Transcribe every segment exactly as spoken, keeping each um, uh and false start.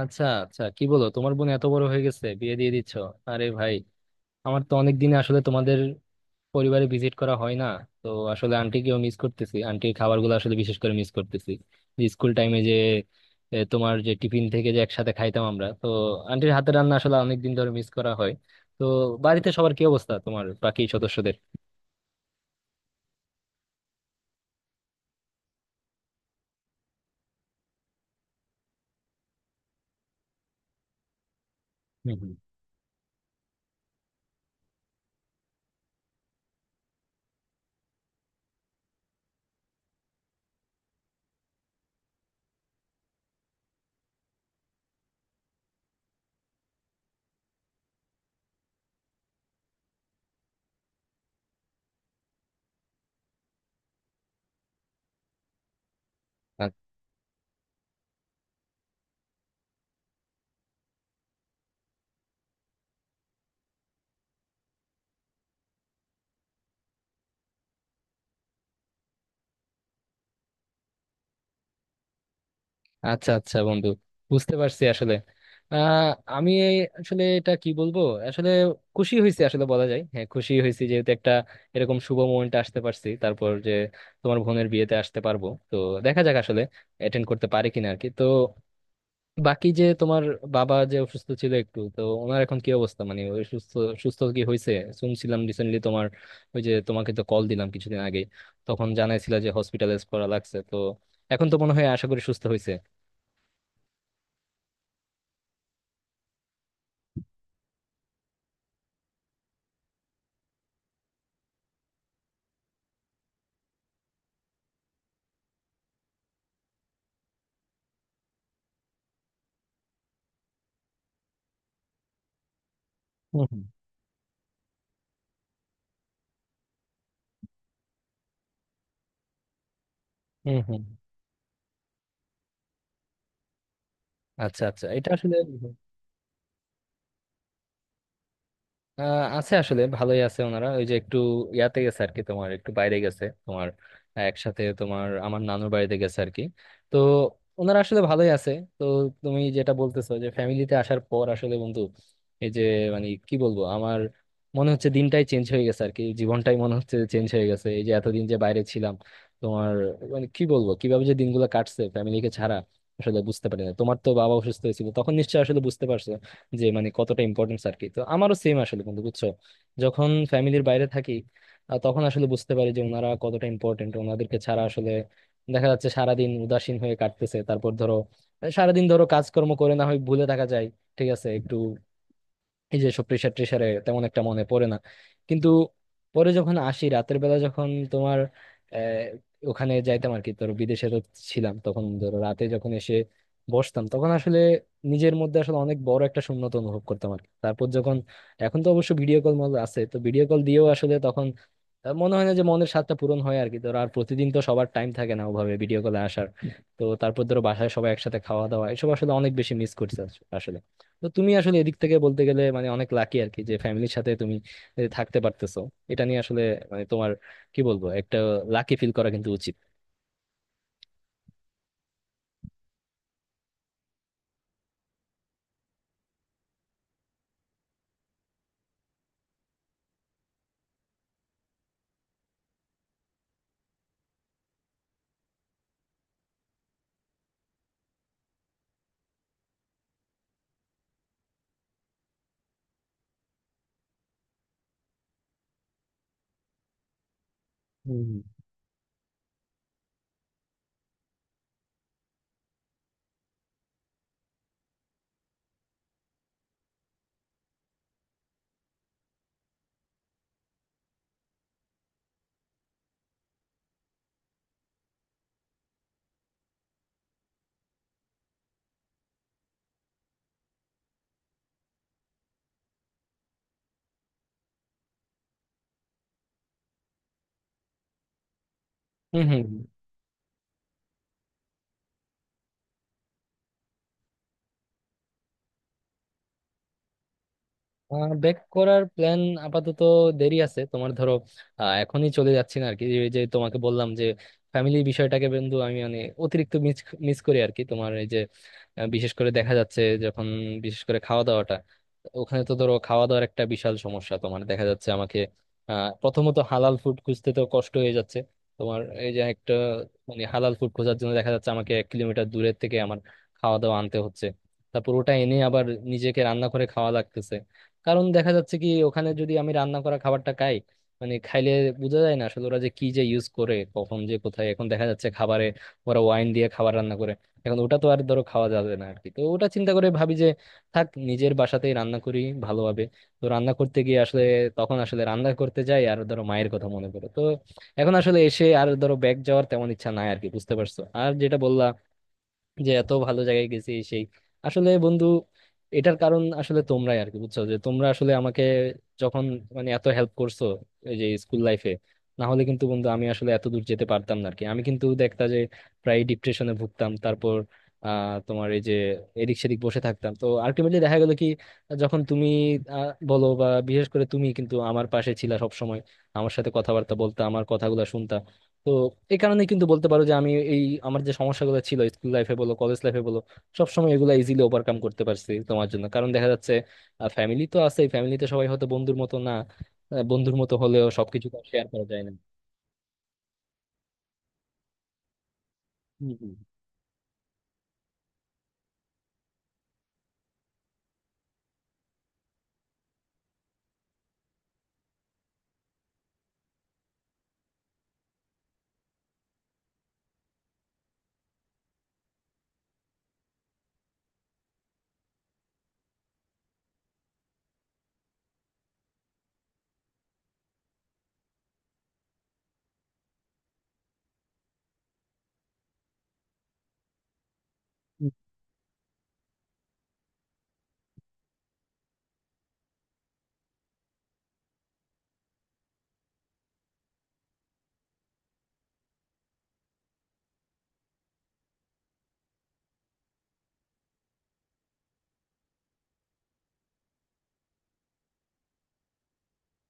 আচ্ছা আচ্ছা, কি বলো, তোমার বোন এত বড় হয়ে গেছে, বিয়ে দিয়ে দিচ্ছ! আরে ভাই, আমার তো অনেক দিনে আসলে তোমাদের পরিবারে ভিজিট করা হয় না। তো আসলে আন্টিকেও মিস করতেছি, আন্টির খাবারগুলো আসলে বিশেষ করে মিস করতেছি। স্কুল টাইমে যে এ, তোমার যে টিফিন থেকে যে একসাথে খাইতাম আমরা, তো আন্টির হাতের রান্না আসলে অনেক দিন ধরে মিস করা হয়। তো বাড়িতে সবার কি অবস্থা, তোমার বাকি সদস্যদের? হুম হুম। আচ্ছা আচ্ছা বন্ধু, বুঝতে পারছি আসলে। আহ আমি এই আসলে এটা কি বলবো, আসলে খুশি হয়েছি, আসলে বলা যায়, হ্যাঁ খুশি হয়েছি, যেহেতু একটা এরকম শুভ মোমেন্টে আসতে পারছি। তারপর যে তোমার বোনের বিয়েতে আসতে পারবো, তো দেখা যাক আসলে অ্যাটেন্ড করতে পারি কিনা আর কি। তো বাকি যে তোমার বাবা যে অসুস্থ ছিল একটু, তো ওনার এখন কি অবস্থা, মানে ওই সুস্থ, সুস্থ কি হয়েছে? শুনছিলাম রিসেন্টলি তোমার, ওই যে তোমাকে তো কল দিলাম কিছুদিন আগে, তখন জানাইছিলা যে হসপিটালাইজ করা লাগছে, তো এখন তো মনে হয় আশা করি সুস্থ হয়েছে। হম হম। আচ্ছা আচ্ছা, এটা আসলে আহ, আছে আসলে, ভালোই আছে ওনারা। ওই যে একটু ইয়াতে গেছে আর কি, তোমার একটু বাইরে গেছে, তোমার একসাথে তোমার আমার নানুর বাড়িতে গেছে আর কি। তো ওনারা আসলে ভালোই আছে। তো তুমি যেটা বলতেছো যে ফ্যামিলিতে আসার পর আসলে বন্ধু, এই যে মানে কি বলবো, আমার মনে হচ্ছে দিনটাই চেঞ্জ হয়ে গেছে আর কি, জীবনটাই মনে হচ্ছে চেঞ্জ হয়ে গেছে। এই যে এতদিন যে বাইরে ছিলাম তোমার, মানে কি বলবো কিভাবে যে দিনগুলো কাটছে ফ্যামিলিকে ছাড়া, আসলে বুঝতে পারি না। তোমার তো বাবা অসুস্থ হয়েছিল, তখন নিশ্চয়ই আসলে বুঝতে পারছো যে মানে কতটা ইম্পর্টেন্স আর কি। তো আমারও সেম আসলে, কিন্তু বুঝছো যখন ফ্যামিলির বাইরে থাকি, আহ, তখন আসলে বুঝতে পারি যে ওনারা কতটা ইম্পর্টেন্ট। ওনাদেরকে ছাড়া আসলে দেখা যাচ্ছে সারাদিন উদাসীন হয়ে কাটতেছে। তারপর ধরো, আহ, সারাদিন ধরো কাজকর্ম করে না হয় ভুলে থাকা যায় ঠিক আছে একটু, এই যে সব প্রেশার ট্রেশারে তেমন একটা মনে পড়ে না। কিন্তু পরে যখন আসি, রাতের বেলা যখন তোমার আহ, ওখানে যাইতাম আর কি, ধরো বিদেশে তো ছিলাম, তখন ধরো রাতে যখন এসে বসতাম, তখন আসলে নিজের মধ্যে আসলে অনেক বড় একটা শূন্যতা অনুভব করতাম আর কি। তারপর যখন এখন তো অবশ্য ভিডিও কল মল আছে, তো ভিডিও কল দিয়েও আসলে তখন আহ, মনে হয় না যে মনের স্বাদটা পূরণ হয় আর কি ধরো। আর প্রতিদিন তো সবার টাইম থাকে না ওভাবে ভিডিও কলে আসার। তো তারপর ধরো বাসায় সবাই একসাথে খাওয়া দাওয়া এসব আসলে অনেক বেশি মিস করছে আসলে। তো তুমি আসলে এদিক থেকে বলতে গেলে মানে অনেক লাকি আর কি, যে ফ্যামিলির সাথে তুমি এ, থাকতে পারতেছো। এটা নিয়ে আসলে মানে তোমার কি বলবো, একটা লাকি ফিল করা কিন্তু উচিত। হুম, হুম। হম হম। ব্যাক করার প্ল্যান আপাতত দেরি আছে তোমার, ধরো আহ, এখনই চলে যাচ্ছি না আরকি। এই যে তোমাকে বললাম যে ফ্যামিলি বিষয়টাকে বন্ধু আমি মানে অতিরিক্ত মিস মিস করি আর কি। তোমার এই যে আহ, বিশেষ করে দেখা যাচ্ছে যখন, বিশেষ করে খাওয়া দাওয়াটা, ওখানে তো ধরো খাওয়া দাওয়ার একটা বিশাল সমস্যা তোমার, দেখা যাচ্ছে আমাকে আহ প্রথমত হালাল ফুড খুঁজতে তো কষ্ট হয়ে যাচ্ছে তোমার। এই যে একটা মানে হালাল ফুড খোঁজার জন্য দেখা যাচ্ছে আমাকে এক কিলোমিটার দূরের থেকে আমার খাওয়া দাওয়া আনতে হচ্ছে। তারপর ওটা এনে আবার নিজেকে রান্না করে খাওয়া লাগতেছে। কারণ দেখা যাচ্ছে কি, ওখানে যদি আমি রান্না করা খাবারটা খাই, মানে খাইলে, বোঝা যায় না আসলে ওরা যে কি যে ইউজ করে কখন যে কোথায়। এখন দেখা যাচ্ছে খাবারে ওরা ওয়াইন দিয়ে খাবার রান্না করে। এখন ওটা তো আর ধরো খাওয়া যাবে না আর কি। তো ওটা চিন্তা করে ভাবি যে থাক, নিজের বাসাতেই রান্না করি ভালোভাবে। তো রান্না করতে গিয়ে আসলে, তখন আসলে রান্না করতে যাই আর ধরো মায়ের কথা মনে পড়ে। তো এখন আসলে এসে আর ধরো ব্যাগ যাওয়ার তেমন ইচ্ছা নাই আর কি, বুঝতে পারছো? আর যেটা বললা যে এত ভালো জায়গায় গেছি এই সেই, আসলে বন্ধু এটার কারণ আসলে তোমরাই আর কি, বুঝছো? যে তোমরা আসলে আমাকে যখন মানে এত হেল্প করছো এই যে স্কুল লাইফে, না হলে কিন্তু বন্ধু আমি আসলে এত দূর যেতে পারতাম না আর কি। আমি কিন্তু দেখতা যে প্রায় ডিপ্রেশনে ভুগতাম, তারপর আহ তোমার এই যে এদিক সেদিক বসে থাকতাম। তো আলটিমেটলি দেখা গেল কি, যখন তুমি আহ, বলো বা বিশেষ করে তুমি কিন্তু আমার পাশে ছিলা সব সময়, আমার সাথে কথাবার্তা বলতে, আমার কথাগুলো শুনতা। তো এই কারণে কিন্তু বলতে পারো যে আমি এই, আমার যে সমস্যাগুলো ছিল স্কুল লাইফে বলো, কলেজ লাইফে বলো, সবসময় এগুলো ইজিলি ওভারকাম করতে পারছি তোমার জন্য। কারণ দেখা যাচ্ছে ফ্যামিলি তো আছে, ফ্যামিলিতে সবাই হয়তো বন্ধুর মতো না। আহ, বন্ধুর মতো হলেও সবকিছু শেয়ার করা যায় না। হুম, হুম।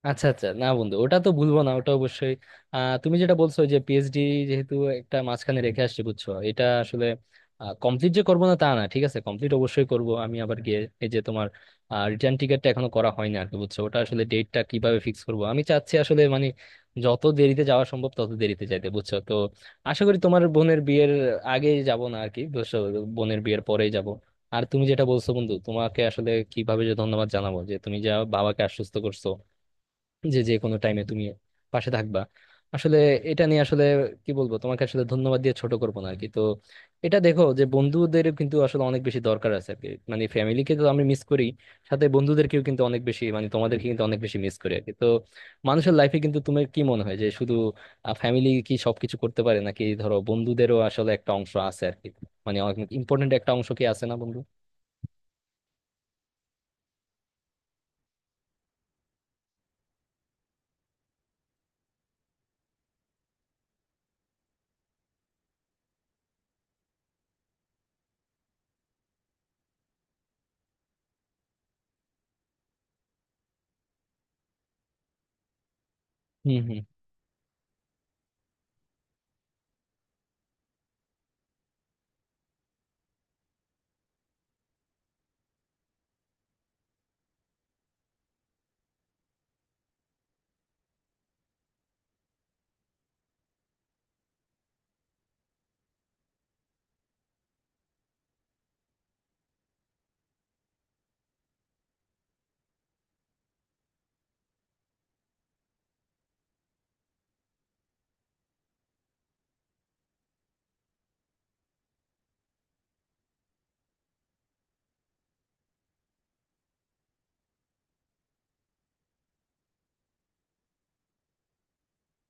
আচ্ছা আচ্ছা, না বন্ধু, ওটা তো ভুলবো না, ওটা অবশ্যই। আহ তুমি যেটা বলছো যে পিএইচডি, যেহেতু একটা মাঝখানে রেখে আসছে, বুঝছো এটা আসলে কমপ্লিট যে করবো না তা না, ঠিক আছে কমপ্লিট অবশ্যই করব আমি আবার গিয়ে। এই যে তোমার রিটার্ন টিকিটটা এখনো করা হয়নি আর কি, বুঝছো? ওটা আসলে ডেটটা কিভাবে ফিক্স করব, আমি চাচ্ছি আসলে মানে যত দেরিতে যাওয়া সম্ভব তত দেরিতে যাইতে, বুঝছো? তো আশা করি তোমার বোনের বিয়ের আগে যাব না আর কি, বুঝছো? বোনের বিয়ের পরেই যাব। আর তুমি যেটা বলছো বন্ধু, তোমাকে আসলে কিভাবে যে ধন্যবাদ জানাবো, যে তুমি যা বাবাকে আশ্বস্ত করছো যে যে কোনো টাইমে তুমি পাশে থাকবা, আসলে এটা নিয়ে আসলে কি বলবো, তোমাকে আসলে ধন্যবাদ দিয়ে ছোট করবো না আর কি। তো এটা দেখো যে বন্ধুদের কিন্তু আসলে অনেক বেশি দরকার আছে আর কি। মানে ফ্যামিলিকে তো আমি মিস করি, সাথে বন্ধুদেরকেও কিন্তু অনেক বেশি, মানে তোমাদেরকে কিন্তু অনেক বেশি মিস করি আর কি। তো মানুষের লাইফে কিন্তু তোমার কি মনে হয় যে শুধু ফ্যামিলি কি সবকিছু করতে পারে, নাকি ধরো বন্ধুদেরও আসলে একটা অংশ আছে আর কি, মানে অনেক ইম্পর্টেন্ট একটা অংশ কি আছে না বন্ধু? হুম হুম।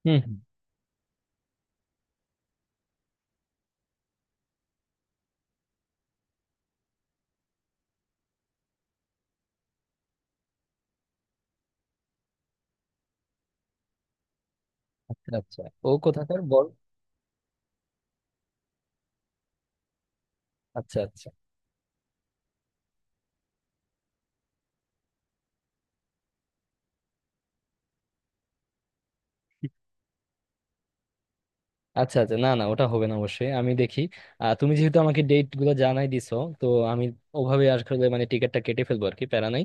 হুম হুম। আচ্ছা আচ্ছা, ও কোথাকার বল? আচ্ছা আচ্ছা। আচ্ছা আচ্ছা, না না, ওটা হবে না, অবশ্যই আমি দেখি। আহ, তুমি যেহেতু আমাকে ডেট গুলো জানাই দিছো, তো আমি ওভাবে আসলে মানে টিকিটটা কেটে ফেলবো আর কি, প্যারা নাই।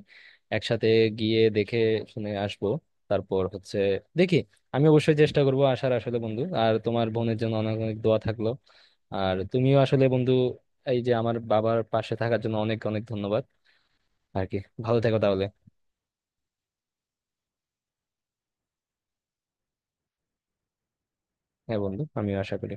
একসাথে গিয়ে দেখে শুনে আসবো। তারপর হচ্ছে দেখি, আমি অবশ্যই চেষ্টা করবো আসার আসলে বন্ধু। আর তোমার বোনের জন্য অনেক অনেক দোয়া থাকলো। আর তুমিও আসলে বন্ধু, এই যে আমার বাবার পাশে থাকার জন্য অনেক অনেক ধন্যবাদ আর কি। ভালো থেকো তাহলে। হ্যাঁ বন্ধু, আমিও আশা করি।